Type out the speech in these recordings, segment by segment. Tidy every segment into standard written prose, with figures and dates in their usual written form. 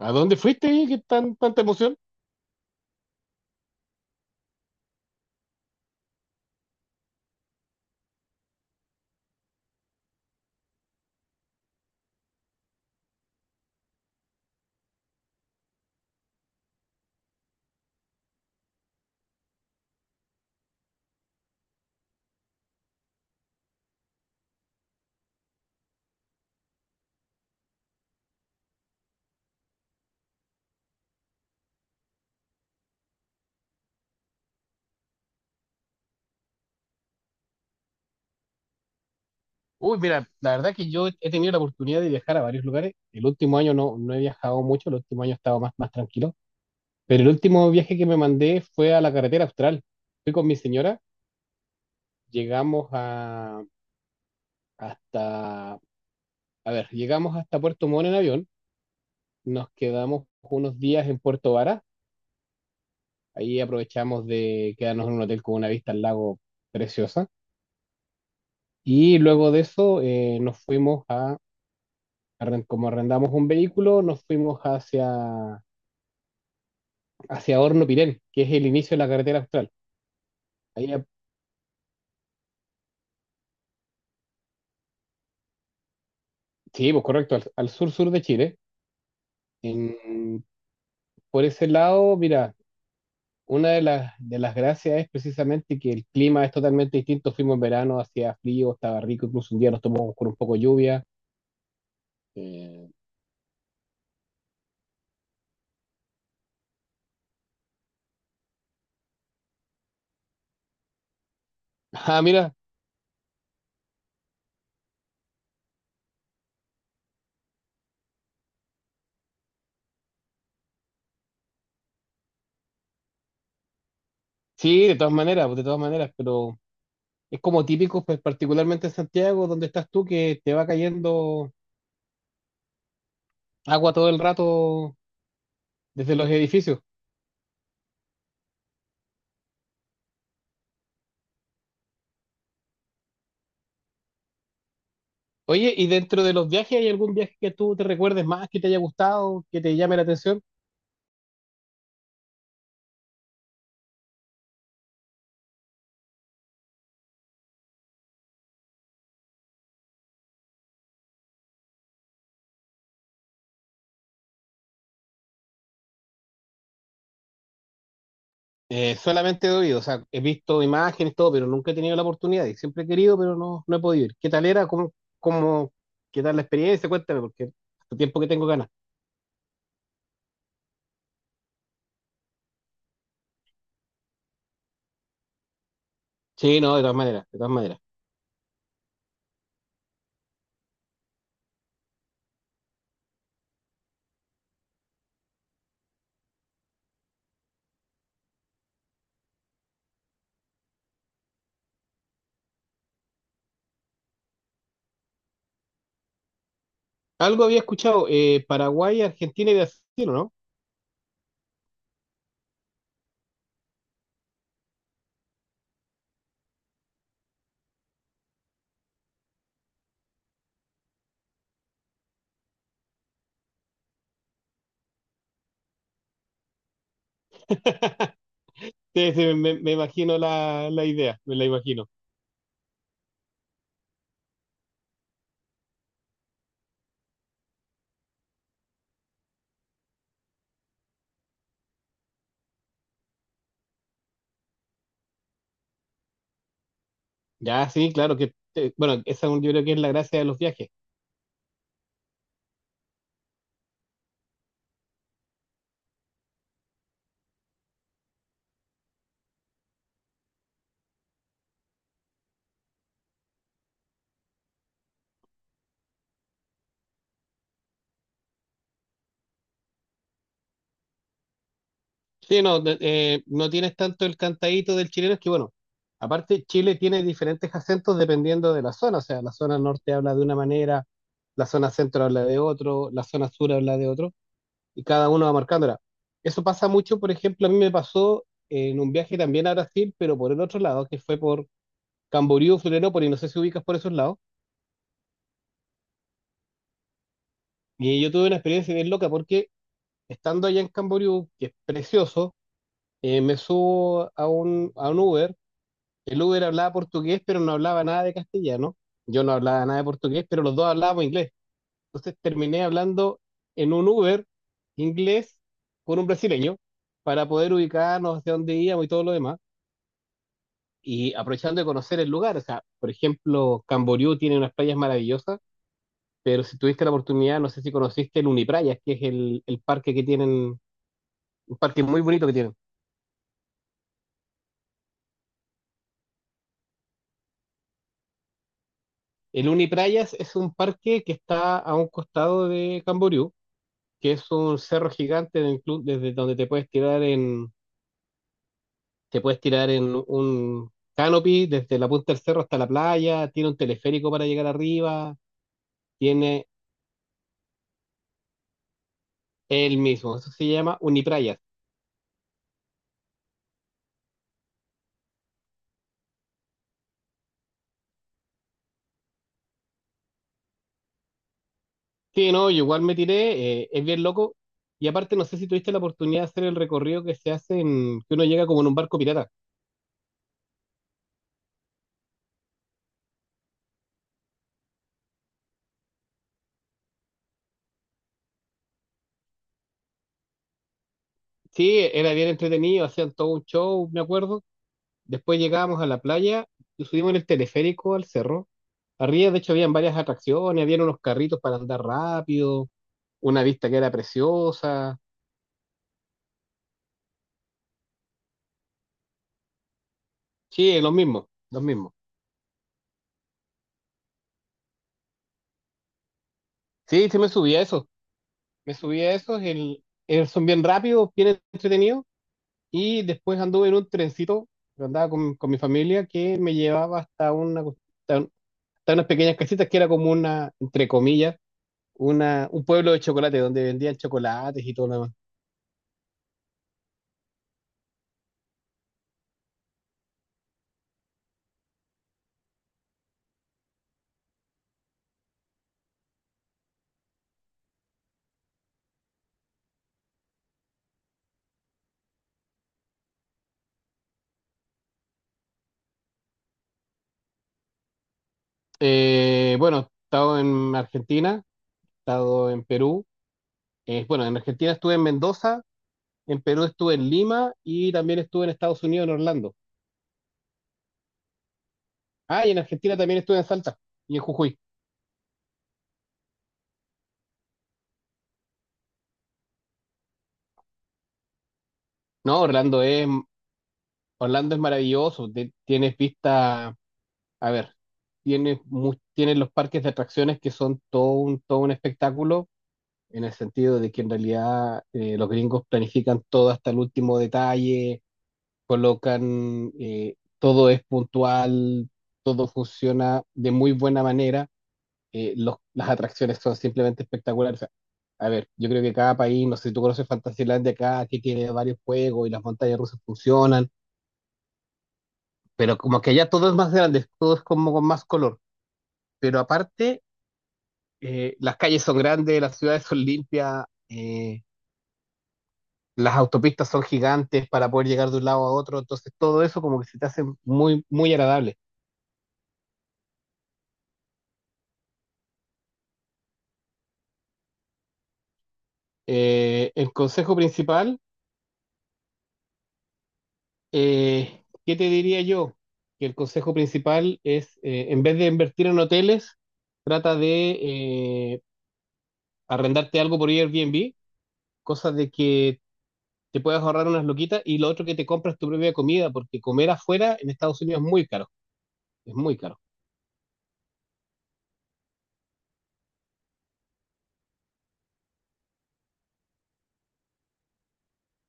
¿A dónde fuiste ahí? ¿Qué tan, tanta emoción? Uy, mira, la verdad que yo he tenido la oportunidad de viajar a varios lugares. El último año no he viajado mucho, el último año he estado más tranquilo. Pero el último viaje que me mandé fue a la carretera austral. Fui con mi señora, llegamos a, hasta, a ver, llegamos hasta Puerto Montt en avión, nos quedamos unos días en Puerto Vara, ahí aprovechamos de quedarnos en un hotel con una vista al lago preciosa. Y luego de eso nos fuimos a como arrendamos un vehículo, nos fuimos hacia Horno Pirén, que es el inicio de la carretera austral. Ahí, a- sí, pues correcto, al sur-sur de Chile. En- por ese lado, mira, una de de las gracias es precisamente que el clima es totalmente distinto. Fuimos en verano, hacía frío, estaba rico, incluso un día nos tomamos con un poco de lluvia. Eh, ah, mira, sí, de todas maneras, pues, de todas maneras, pero es como típico, pues particularmente en Santiago, donde estás tú, que te va cayendo agua todo el rato desde los edificios. Oye, ¿y dentro de los viajes hay algún viaje que tú te recuerdes más, que te haya gustado, que te llame la atención? Solamente he oído, o sea, he visto imágenes, todo, pero nunca he tenido la oportunidad y siempre he querido, pero no he podido ir. ¿Qué tal era? Cómo, ¿qué tal la experiencia? Cuéntame, porque hace tiempo que tengo ganas. Sí, no, de todas maneras, de todas maneras. Algo había escuchado, Paraguay, Argentina y Brasil, ¿no? Sí, sí, me imagino la idea, me la imagino. Ya, sí, claro que, bueno, yo creo que es la gracia de los viajes. Sí, no, no tienes tanto el cantadito del chileno, es que bueno, aparte Chile tiene diferentes acentos dependiendo de la zona, o sea, la zona norte habla de una manera, la zona centro habla de otro, la zona sur habla de otro, y cada uno va marcándola. Eso pasa mucho, por ejemplo, a mí me pasó en un viaje también a Brasil, pero por el otro lado, que fue por Camboriú, Florianópolis, no sé si ubicas por esos lados, y yo tuve una experiencia bien loca porque estando allá en Camboriú, que es precioso, me subo a a un Uber. El Uber hablaba portugués, pero no hablaba nada de castellano. Yo no hablaba nada de portugués, pero los dos hablábamos inglés. Entonces terminé hablando en un Uber inglés con un brasileño para poder ubicarnos hacia dónde íbamos y todo lo demás. Y aprovechando de conocer el lugar. O sea, por ejemplo, Camboriú tiene unas playas maravillosas, pero si tuviste la oportunidad, no sé si conociste el Uniprayas, que es el parque que tienen, un parque muy bonito que tienen. El Uniprayas es un parque que está a un costado de Camboriú que es un cerro gigante del club desde donde te puedes tirar en un canopy desde la punta del cerro hasta la playa, tiene un teleférico para llegar arriba, tiene el mismo, eso se llama Uniprayas. Sí, no, yo igual me tiré, es bien loco. Y aparte, no sé si tuviste la oportunidad de hacer el recorrido que uno llega como en un barco pirata. Sí, era bien entretenido, hacían todo un show, me acuerdo. Después llegábamos a la playa, nos subimos en el teleférico al cerro. Arriba, de hecho, habían varias atracciones, habían unos carritos para andar rápido, una vista que era preciosa. Sí, los mismos, los mismos. Sí, sí me subí a esos, me subí a esos, son bien rápidos, bien entretenidos. Y después anduve en un trencito, que andaba con mi familia, que me llevaba hasta una, cos- hasta, un- hasta unas pequeñas casitas que era como una, entre comillas, un pueblo de chocolate, donde vendían chocolates y todo lo demás. Bueno, he estado en Argentina, he estado en Perú. Bueno, en Argentina estuve en Mendoza, en Perú estuve en Lima y también estuve en Estados Unidos, en Orlando. Ah, y en Argentina también estuve en Salta y en Jujuy. No, Orlando es maravilloso. Tienes vista, a ver, tienes los parques de atracciones que son todo un espectáculo, en el sentido de que en realidad los gringos planifican todo hasta el último detalle, colocan, todo es puntual, todo funciona de muy buena manera, las atracciones son simplemente espectaculares. O sea, a ver, yo creo que cada país, no sé si tú conoces Fantasylandia acá, aquí tiene varios juegos y las montañas rusas funcionan, pero como que allá todo es más grande, todo es como con más color. Pero aparte, las calles son grandes, las ciudades son limpias, las autopistas son gigantes para poder llegar de un lado a otro, entonces todo eso como que se te hace muy agradable. El consejo principal, ¿qué te diría yo? Que el consejo principal es, en vez de invertir en hoteles, trata de eh, arrendarte algo por Airbnb, cosa de que te puedas ahorrar unas loquitas y lo otro que te compras tu propia comida, porque comer afuera en Estados Unidos es muy caro, es muy caro.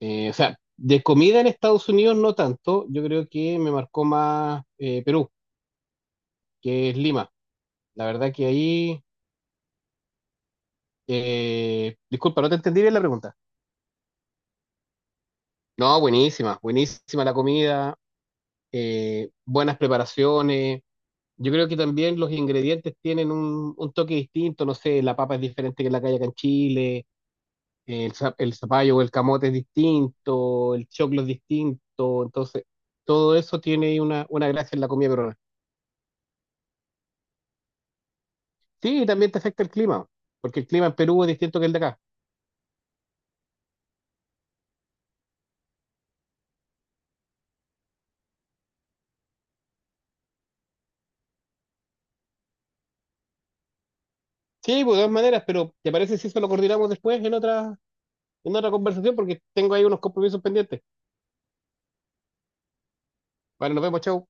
O sea, de comida en Estados Unidos no tanto, yo creo que me marcó más Perú, que es Lima. La verdad que ahí, disculpa, no te entendí bien la pregunta. No, buenísima, buenísima la comida, buenas preparaciones. Yo creo que también los ingredientes tienen un toque distinto, no sé, la papa es diferente que la que hay acá en Chile, el zapallo o el camote es distinto, el choclo es distinto, entonces todo eso tiene una gracia en la comida peruana. Sí, y también te afecta el clima, porque el clima en Perú es distinto que el de acá. Sí, pues, de todas maneras, pero ¿te parece si eso lo coordinamos después en otra conversación? Porque tengo ahí unos compromisos pendientes. Vale, nos vemos, chao.